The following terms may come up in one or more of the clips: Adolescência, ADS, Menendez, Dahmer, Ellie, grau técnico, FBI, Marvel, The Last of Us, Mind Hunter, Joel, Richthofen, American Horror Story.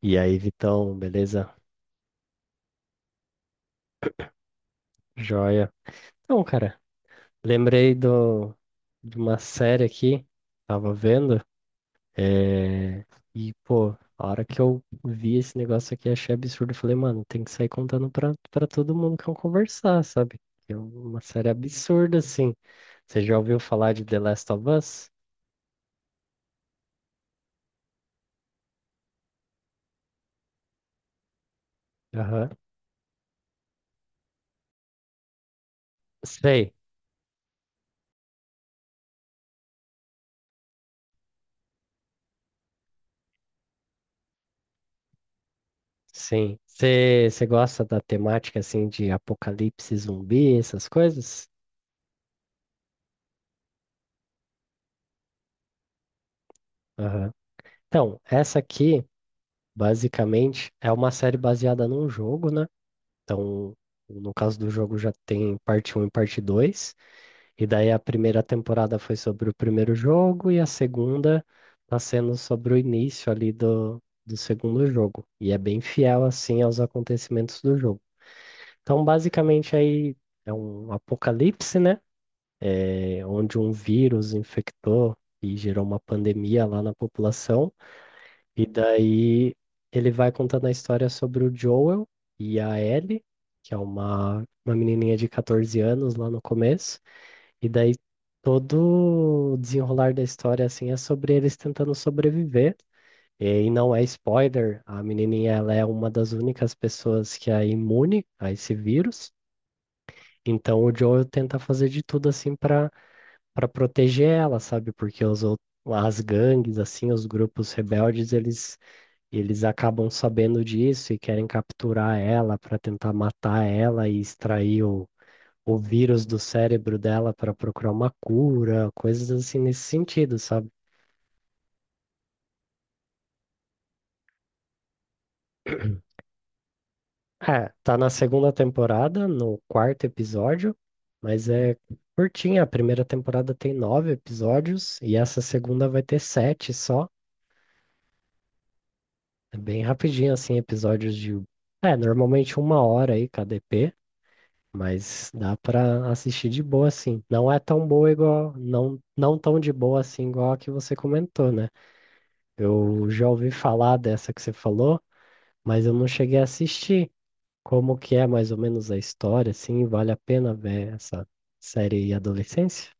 E aí, Vitão, beleza? Joia. Então, cara, lembrei de uma série aqui, tava vendo, é, e, pô, a hora que eu vi esse negócio aqui, achei absurdo. Falei, mano, tem que sair contando pra todo mundo que eu conversar, sabe? Que é uma série absurda, assim. Você já ouviu falar de The Last of Us? Aham. Sei, sim. Você gosta da temática, assim, de apocalipse zumbi, essas coisas? Aham. Então, essa aqui. Basicamente, é uma série baseada num jogo, né? Então, no caso do jogo, já tem parte um e parte dois. E daí a primeira temporada foi sobre o primeiro jogo e a segunda tá sendo sobre o início ali do segundo jogo. E é bem fiel, assim, aos acontecimentos do jogo. Então, basicamente, aí é um apocalipse, né? É, onde um vírus infectou e gerou uma pandemia lá na população. E daí ele vai contando a história sobre o Joel e a Ellie, que é uma menininha de 14 anos lá no começo. E daí todo o desenrolar da história assim é sobre eles tentando sobreviver. E aí não é spoiler, a menininha ela é uma das únicas pessoas que é imune a esse vírus. Então o Joel tenta fazer de tudo assim para proteger ela, sabe? Porque as gangues assim, os grupos rebeldes, eles acabam sabendo disso e querem capturar ela para tentar matar ela e extrair o vírus do cérebro dela para procurar uma cura, coisas assim nesse sentido, sabe? É, tá na segunda temporada, no quarto episódio, mas é curtinha. A primeira temporada tem nove episódios e essa segunda vai ter sete só. É bem rapidinho, assim, episódios de. É, normalmente uma hora aí, KDP. Mas dá pra assistir de boa assim. Não é tão boa igual, não, não tão de boa assim igual a que você comentou, né? Eu já ouvi falar dessa que você falou, mas eu não cheguei a assistir. Como que é mais ou menos a história, assim, vale a pena ver essa série Adolescência?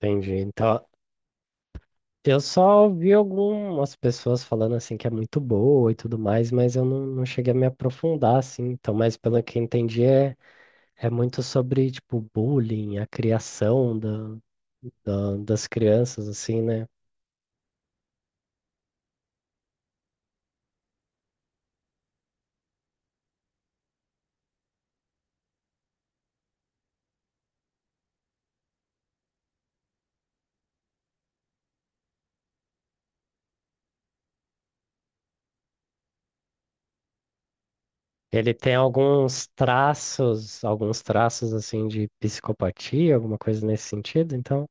Entendi. Então, eu só ouvi algumas pessoas falando assim que é muito boa e tudo mais, mas eu não, não cheguei a me aprofundar assim. Então, mas pelo que eu entendi, é muito sobre, tipo, bullying, a criação da, das crianças, assim, né? Ele tem alguns traços, assim, de psicopatia, alguma coisa nesse sentido, então?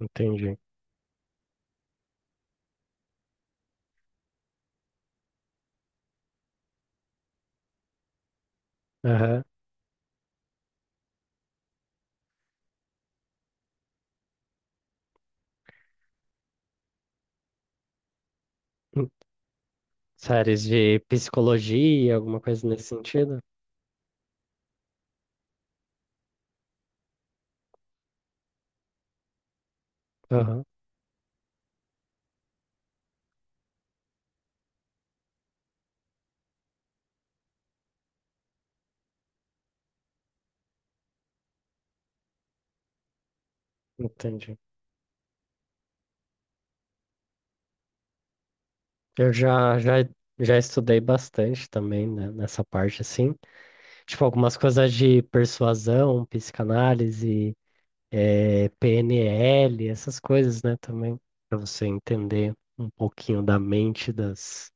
Entendi. Aham. Hum. Séries de psicologia, alguma coisa nesse sentido? Aham. Entendi. Eu já estudei bastante também, né, nessa parte, assim. Tipo, algumas coisas de persuasão, psicanálise, PNL, essas coisas, né, também, para você entender um pouquinho da mente das,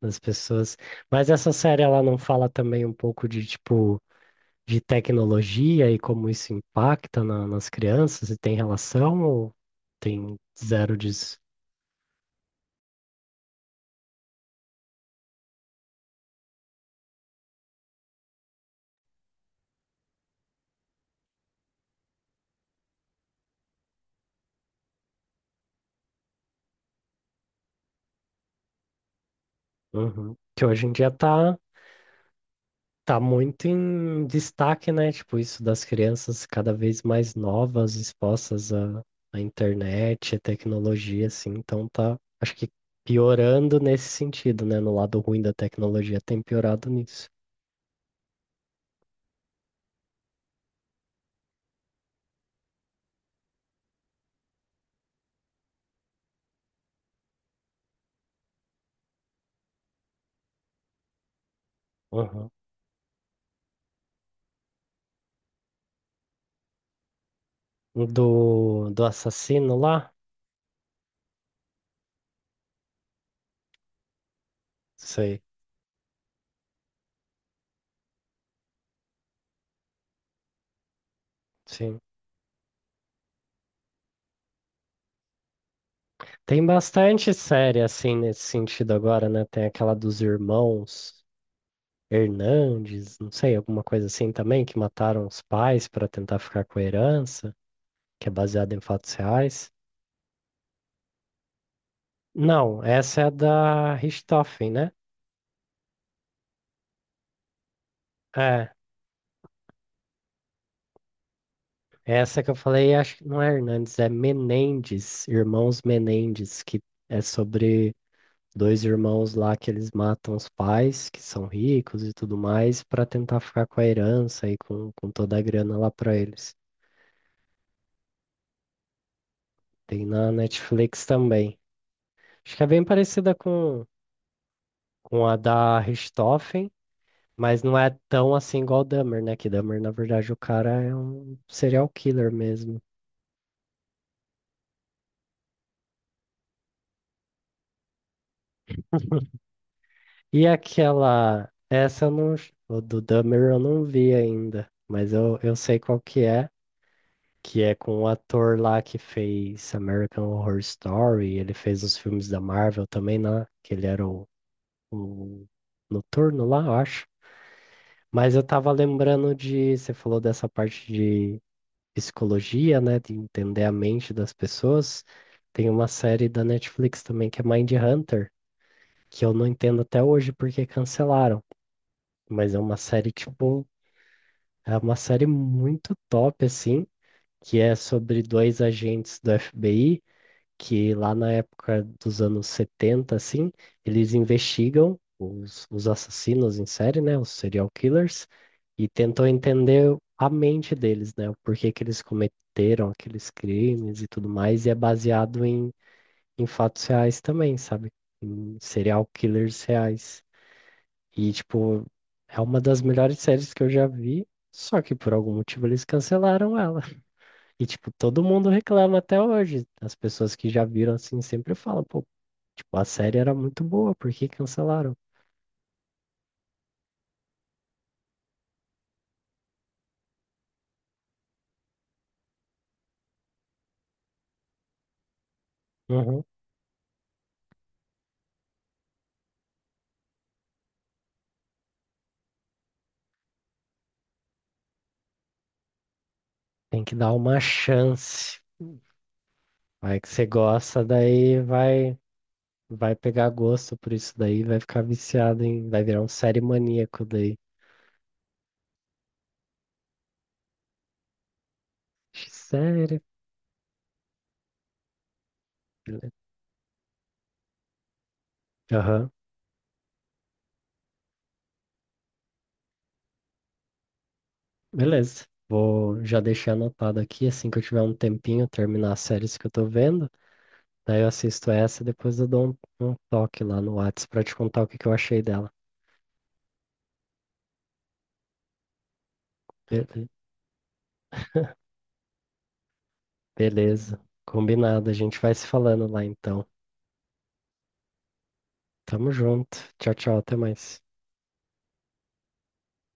das pessoas. Mas essa série, ela não fala também um pouco de, tipo, de tecnologia e como isso impacta nas crianças, e tem relação ou tem zero disso? Uhum. Que hoje em dia tá. Tá muito em destaque, né? Tipo, isso das crianças cada vez mais novas, expostas à internet, à tecnologia, assim. Então tá, acho que piorando nesse sentido, né? No lado ruim da tecnologia tem piorado nisso. Uhum. Do assassino lá? Sei, sim. Tem bastante série, assim, nesse sentido agora, né? Tem aquela dos irmãos Hernandes, não sei, alguma coisa assim também, que mataram os pais para tentar ficar com a herança. Que é baseada em fatos reais. Não, essa é da Richthofen, né? É, essa que eu falei, acho que não é Hernandes, é Menendez, Irmãos Menendez, que é sobre dois irmãos lá que eles matam os pais, que são ricos e tudo mais, para tentar ficar com a herança e com toda a grana lá para eles. Tem na Netflix também. Acho que é bem parecida com a da Richthofen. Mas não é tão assim igual o Dahmer, né? Que Dahmer, na verdade, o cara é um serial killer mesmo. E aquela. Essa eu não. O do Dahmer eu não vi ainda. Mas eu sei qual que é. Que é com o ator lá que fez American Horror Story. Ele fez os filmes da Marvel também, né? Que ele era o noturno lá, eu acho. Mas eu tava lembrando de. Você falou dessa parte de psicologia, né, de entender a mente das pessoas. Tem uma série da Netflix também que é Mind Hunter, que eu não entendo até hoje porque cancelaram, mas é uma série tipo, é uma série muito top assim, que é sobre dois agentes do FBI que lá na época dos anos 70 assim, eles investigam os assassinos em série, né, os serial killers, e tentam entender a mente deles, né, o porquê que eles cometeram aqueles crimes e tudo mais, e é baseado em, em fatos reais também, sabe? Em serial killers reais. E, tipo, é uma das melhores séries que eu já vi. Só que por algum motivo eles cancelaram ela. E, tipo, todo mundo reclama até hoje. As pessoas que já viram assim sempre falam, pô, tipo, a série era muito boa, por que cancelaram? Uhum. Tem que dar uma chance. Vai que você gosta, daí vai pegar gosto por isso daí, vai ficar viciado em, vai virar um série maníaco daí. Sério? Aham. Beleza. Vou já deixar anotado aqui, assim que eu tiver um tempinho, terminar as séries que eu tô vendo, daí eu assisto essa e depois eu dou um toque lá no Whats pra te contar o que que eu achei dela. Be- beleza. Combinado, a gente vai se falando lá então. Tamo junto. Tchau, tchau. Até mais.